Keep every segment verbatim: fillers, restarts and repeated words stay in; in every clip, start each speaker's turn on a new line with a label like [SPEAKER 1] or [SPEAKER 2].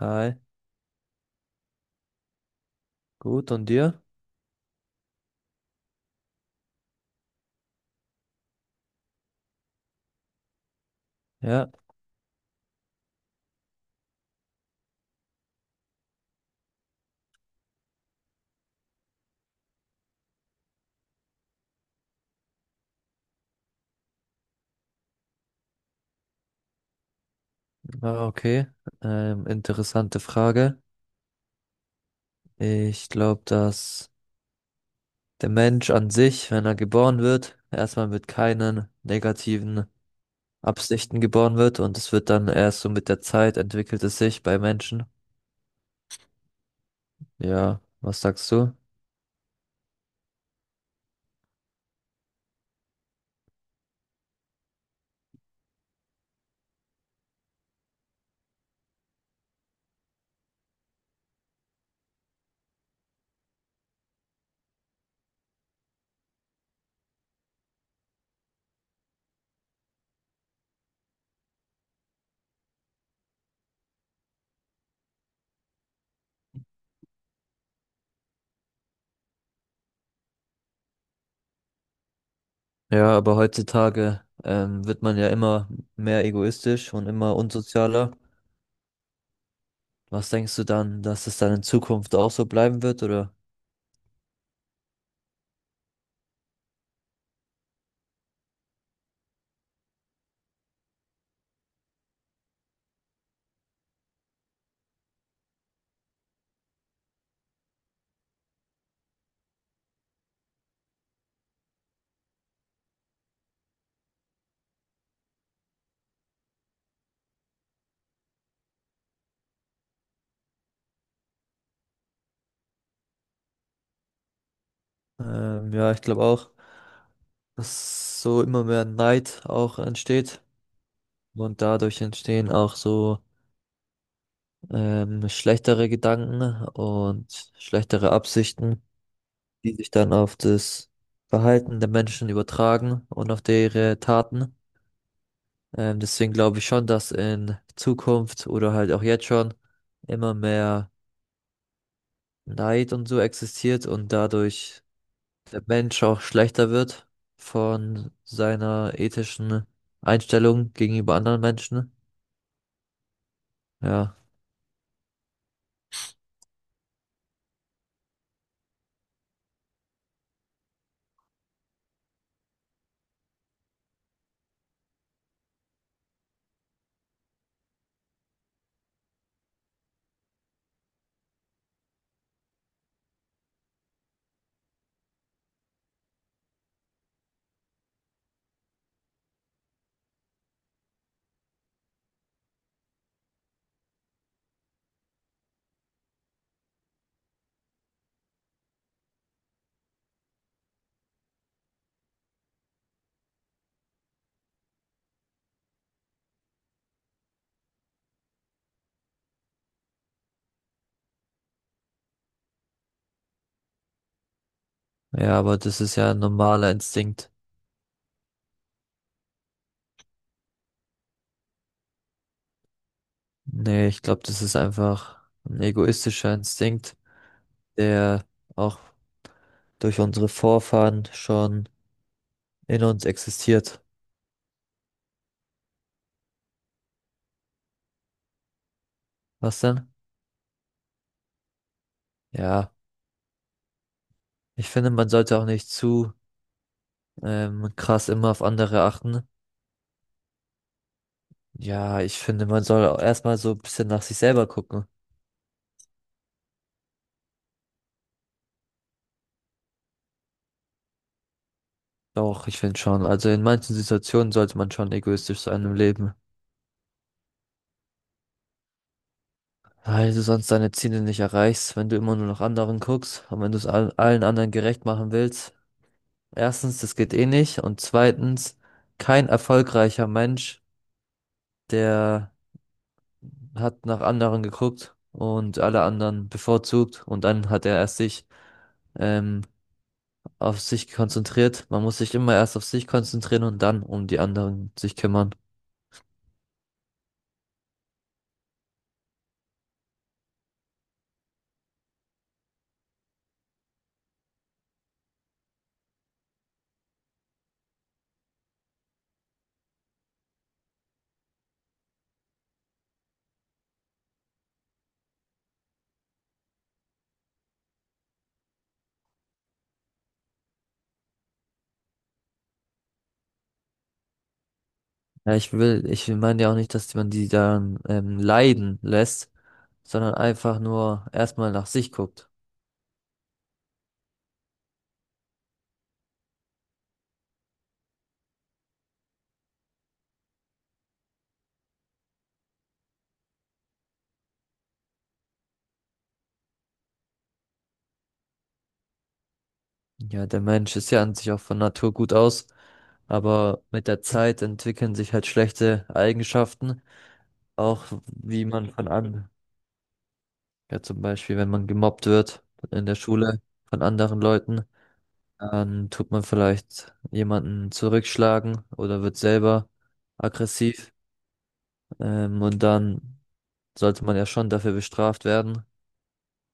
[SPEAKER 1] Hi, gut, und dir? Ja, ah, okay. Ähm, interessante Frage. Ich glaube, dass der Mensch an sich, wenn er geboren wird, erstmal mit keinen negativen Absichten geboren wird und es wird dann erst so mit der Zeit entwickelt es sich bei Menschen. Ja, was sagst du? Ja, aber heutzutage ähm, wird man ja immer mehr egoistisch und immer unsozialer. Was denkst du dann, dass es dann in Zukunft auch so bleiben wird, oder? Ähm, ja, ich glaube auch, dass so immer mehr Neid auch entsteht und dadurch entstehen auch so ähm, schlechtere Gedanken und schlechtere Absichten, die sich dann auf das Verhalten der Menschen übertragen und auf ihre Taten. Ähm, deswegen glaube ich schon, dass in Zukunft oder halt auch jetzt schon immer mehr Neid und so existiert und dadurch der Mensch auch schlechter wird von seiner ethischen Einstellung gegenüber anderen Menschen. Ja. Ja, aber das ist ja ein normaler Instinkt. Nee, ich glaube, das ist einfach ein egoistischer Instinkt, der auch durch unsere Vorfahren schon in uns existiert. Was denn? Ja, ich finde, man sollte auch nicht zu ähm, krass immer auf andere achten. Ja, ich finde, man soll auch erstmal so ein bisschen nach sich selber gucken. Doch, ich finde schon. Also in manchen Situationen sollte man schon egoistisch sein im Leben. Weil du sonst deine Ziele nicht erreichst, wenn du immer nur nach anderen guckst und wenn du es all- allen anderen gerecht machen willst. Erstens, das geht eh nicht. Und zweitens, kein erfolgreicher Mensch, der hat nach anderen geguckt und alle anderen bevorzugt und dann hat er erst sich ähm, auf sich konzentriert. Man muss sich immer erst auf sich konzentrieren und dann um die anderen sich kümmern. Ja, ich will, ich meine ja auch nicht, dass man die dann ähm, leiden lässt, sondern einfach nur erstmal nach sich guckt. Ja, der Mensch ist ja an sich auch von Natur gut aus, aber mit der Zeit entwickeln sich halt schlechte Eigenschaften, auch wie man von an, ja zum Beispiel, wenn man gemobbt wird in der Schule von anderen Leuten, dann tut man vielleicht jemanden zurückschlagen oder wird selber aggressiv, ähm, und dann sollte man ja schon dafür bestraft werden.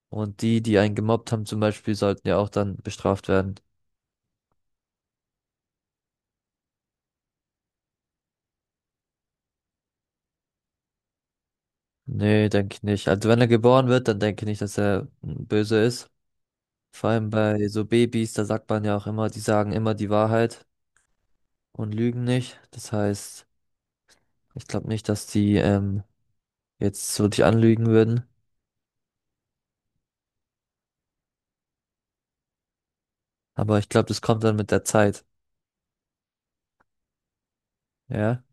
[SPEAKER 1] Und die, die einen gemobbt haben zum Beispiel, sollten ja auch dann bestraft werden. Nee, denke ich nicht. Also wenn er geboren wird, dann denke ich nicht, dass er mm, böse ist. Vor allem bei so Babys, da sagt man ja auch immer, die sagen immer die Wahrheit und lügen nicht. Das heißt, ich glaube nicht, dass die ähm, jetzt so dich anlügen würden. Aber ich glaube, das kommt dann mit der Zeit. Ja,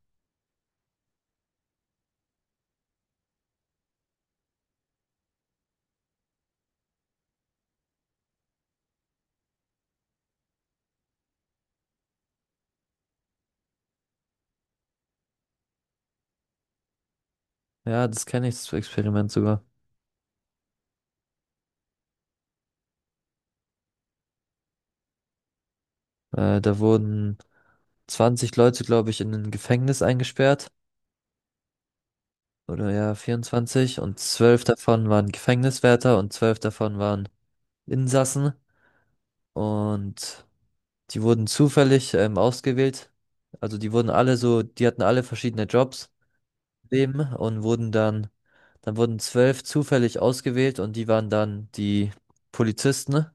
[SPEAKER 1] ja, das kenne ich, das Experiment sogar. Äh, da wurden zwanzig Leute, glaube ich, in ein Gefängnis eingesperrt. Oder ja, vierundzwanzig. Und zwölf davon waren Gefängniswärter und zwölf davon waren Insassen. Und die wurden zufällig ähm, ausgewählt. Also die wurden alle so, die hatten alle verschiedene Jobs im Leben und wurden dann, dann wurden zwölf zufällig ausgewählt und die waren dann die Polizisten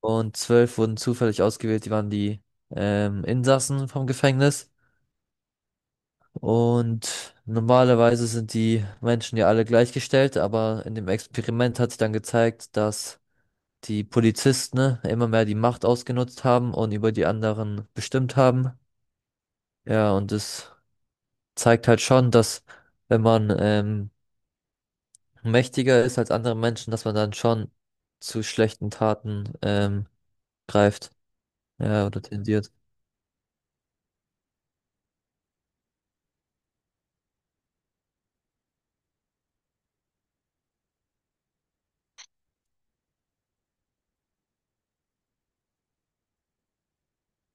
[SPEAKER 1] und zwölf wurden zufällig ausgewählt, die waren die ähm, Insassen vom Gefängnis. Und normalerweise sind die Menschen ja alle gleichgestellt, aber in dem Experiment hat sich dann gezeigt, dass die Polizisten immer mehr die Macht ausgenutzt haben und über die anderen bestimmt haben. Ja, und das zeigt halt schon, dass wenn man ähm, mächtiger ist als andere Menschen, dass man dann schon zu schlechten Taten ähm, greift, ja, oder tendiert.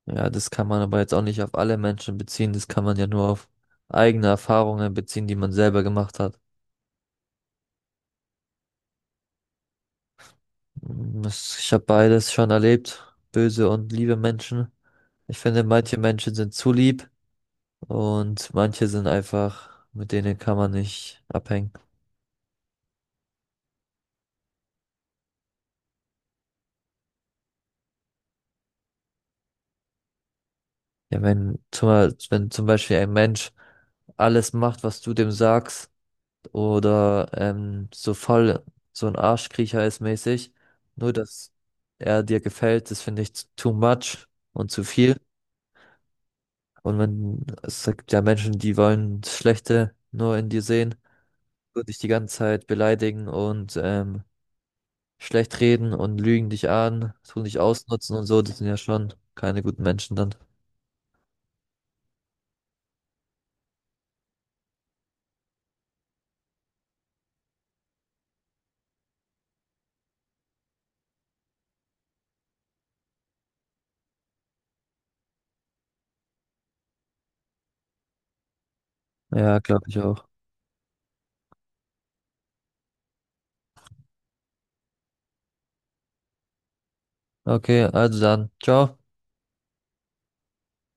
[SPEAKER 1] Ja, das kann man aber jetzt auch nicht auf alle Menschen beziehen, das kann man ja nur auf eigene Erfahrungen beziehen, die man selber gemacht hat. Mm, es- Ich habe beides schon erlebt, böse und liebe Menschen. Ich finde, manche Menschen sind zu lieb und manche sind einfach, mit denen kann man nicht abhängen. Ja, wenn zum, wenn zum Beispiel ein Mensch alles macht, was du dem sagst, oder ähm, so voll so ein Arschkriecher ist mäßig, nur dass er dir gefällt, das finde ich too much und zu viel. Und wenn es gibt ja Menschen, die wollen das Schlechte nur in dir sehen, nur dich die ganze Zeit beleidigen und ähm, schlecht reden und lügen dich an, tun dich ausnutzen und so, das sind ja schon keine guten Menschen dann. Ja, glaube ich auch. Okay, also dann, ciao.